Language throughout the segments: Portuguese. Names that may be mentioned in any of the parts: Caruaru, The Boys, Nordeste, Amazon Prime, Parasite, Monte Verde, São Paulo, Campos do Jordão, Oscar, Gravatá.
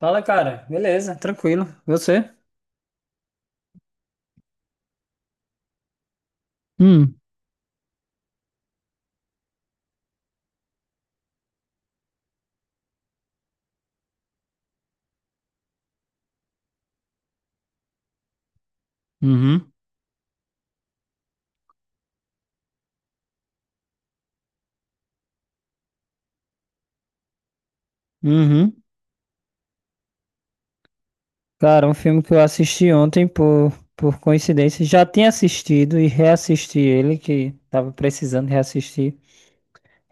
Fala, cara. Beleza, tranquilo. Você? Hum, uhum, uhum. Cara, um filme que eu assisti ontem por coincidência, já tinha assistido e reassisti ele, que tava precisando reassistir.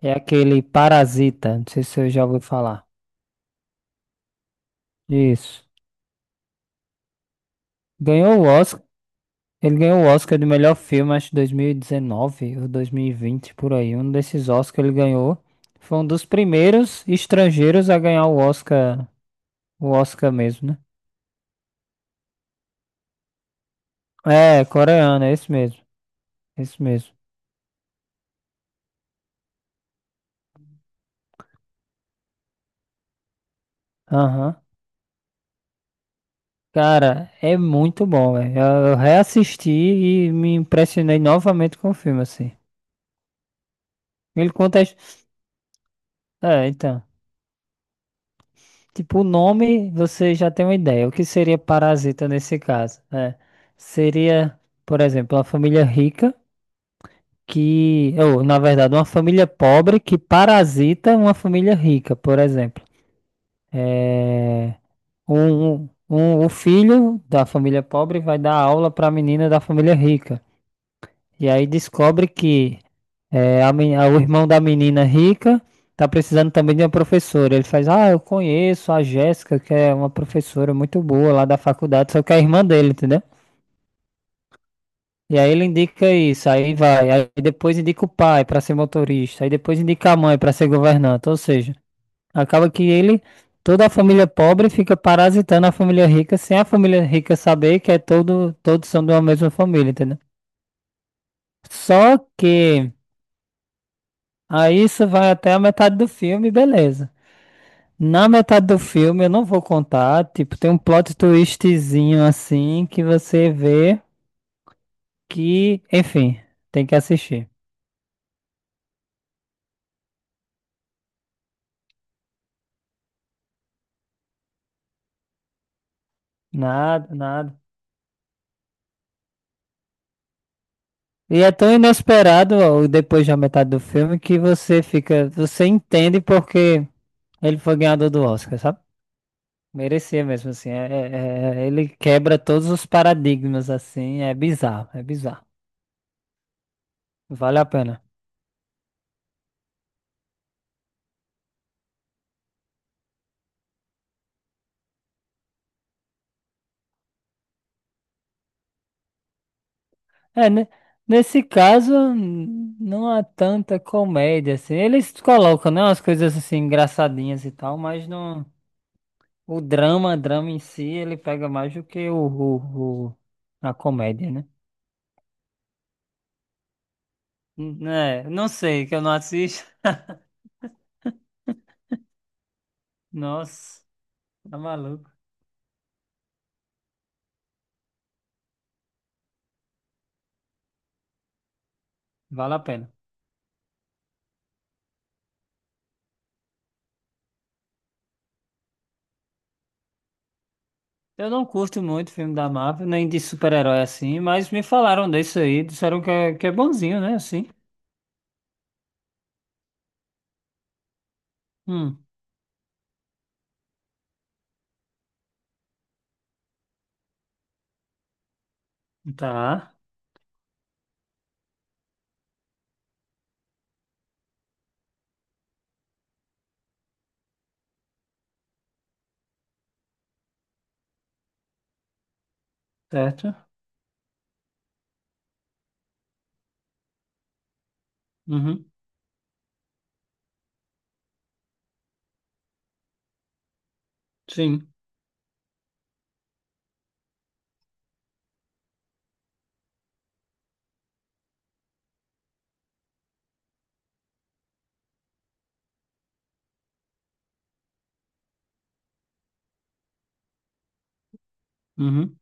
É aquele Parasita, não sei se eu já ouviu falar. Isso. Ganhou o Oscar, ele ganhou o Oscar de melhor filme, acho que 2019 ou 2020 por aí. Um desses Oscars ele ganhou. Foi um dos primeiros estrangeiros a ganhar o Oscar mesmo, né? É, coreano, é isso mesmo. É isso mesmo. Aham. Cara, é muito bom, velho. Eu reassisti e me impressionei novamente com o filme, assim. Ele conta. É, então. Tipo, o nome você já tem uma ideia. O que seria parasita nesse caso? É. Seria, por exemplo, uma família rica que. Ou, na verdade, uma família pobre que parasita uma família rica, por exemplo. É, Um, o filho da família pobre vai dar aula para a menina da família rica. E aí descobre que o irmão da menina rica tá precisando também de uma professora. Ele faz, ah, eu conheço a Jéssica, que é uma professora muito boa lá da faculdade, só que é a irmã dele, entendeu? E aí ele indica isso, aí vai, aí depois indica o pai para ser motorista, aí depois indica a mãe para ser governanta, ou seja. Acaba que ele, toda a família pobre fica parasitando a família rica, sem a família rica saber que é todos são de uma mesma família, entendeu? Só que aí isso vai até a metade do filme, beleza. Na metade do filme eu não vou contar, tipo, tem um plot twistzinho assim que você vê que, enfim, tem que assistir. Nada, nada. E é tão inesperado, ó, depois da metade do filme, que você fica, você entende porque ele foi ganhador do Oscar, sabe? Merecia mesmo, assim. Ele quebra todos os paradigmas, assim. É bizarro, é bizarro. Vale a pena. É, nesse caso, não há tanta comédia, assim. Eles colocam, né, umas coisas, assim, engraçadinhas e tal, mas não... O drama, drama em si, ele pega mais do que a comédia, né? É, não sei, que eu não assisto. Nossa, tá maluco. Vale a pena. Eu não curto muito filme da Marvel, nem de super-herói assim, mas me falaram desse aí, disseram que é bonzinho, né? Assim. Hum, tá, certo. Uhum, sim. Uhum.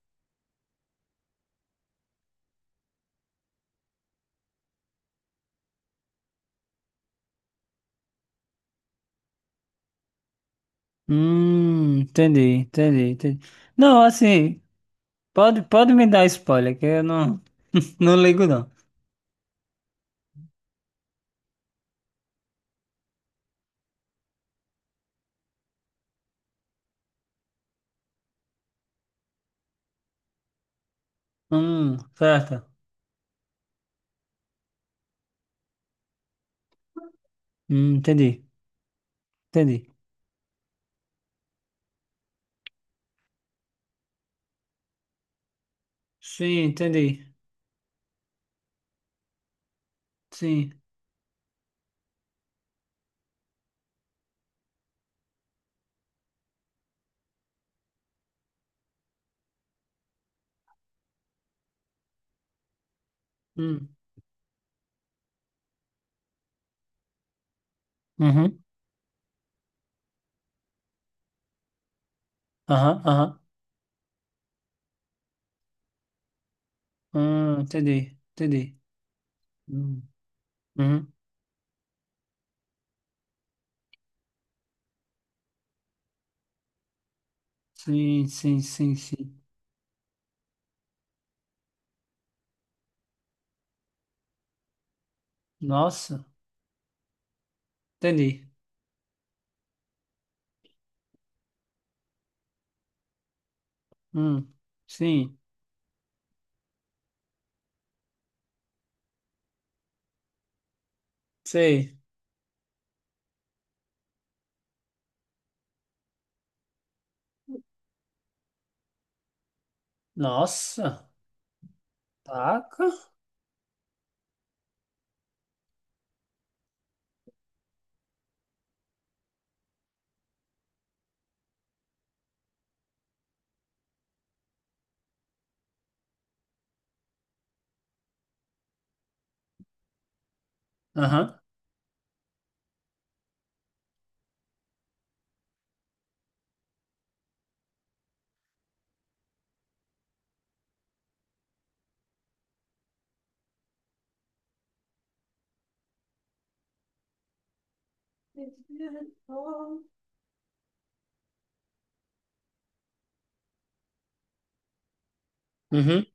Entendi, entendi, entendi. Não, assim, pode me dar spoiler, que eu não, não ligo não. Certo. Entendi, entendi. Sim, entendi. Sim. Hum. Uhum. Aham, aham. Ah, entendi, entendi. Hum, uhum. Sim, sim, sim, sim. Nossa, entendi. Hum, sim, sei. Nossa, taca. Aham. Uhum.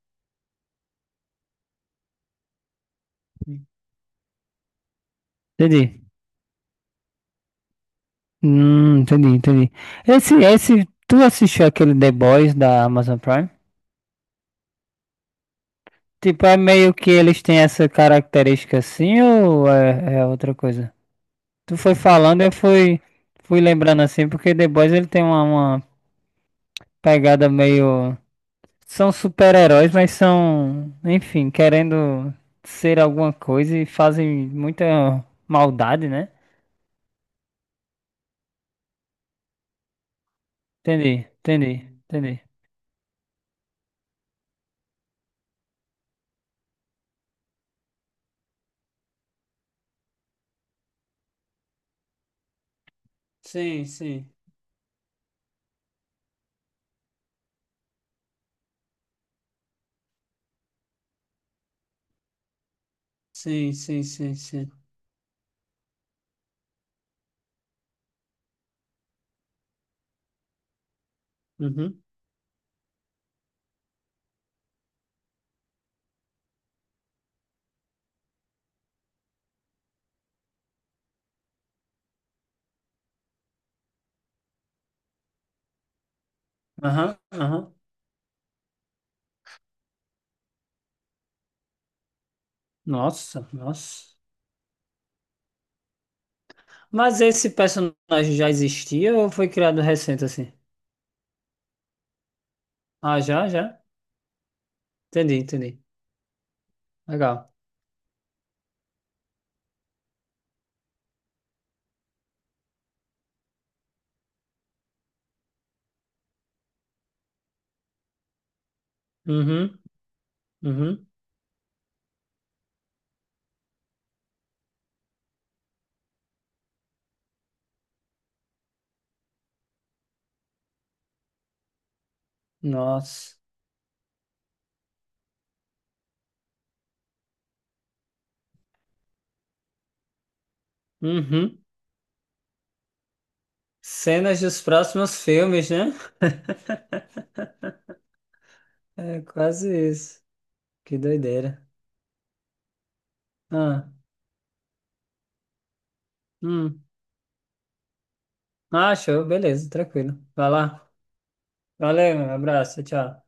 Entendi. Entendi, entendi. Tu assistiu aquele The Boys da Amazon Prime? Tipo, é meio que eles têm essa característica assim ou é outra coisa? Tu foi falando, eu fui, lembrando assim, porque The Boys ele tem uma pegada meio. São super-heróis, mas são, enfim, querendo ser alguma coisa e fazem muita maldade, né? Entendi, entendi, entendi. Sim, sim, sim, sim, sim, sim. Uhum. Aham, aham. Nossa, nossa. Mas esse personagem já existia ou foi criado recente assim? Ah, já, já. Entendi, entendi. Legal. Uhum, uhum. Nossa. Uhum. Cenas dos próximos filmes, né? É quase isso. Que doideira. Ah, hum. Ah, show, beleza, tranquilo. Vai lá. Valeu, meu abraço, tchau.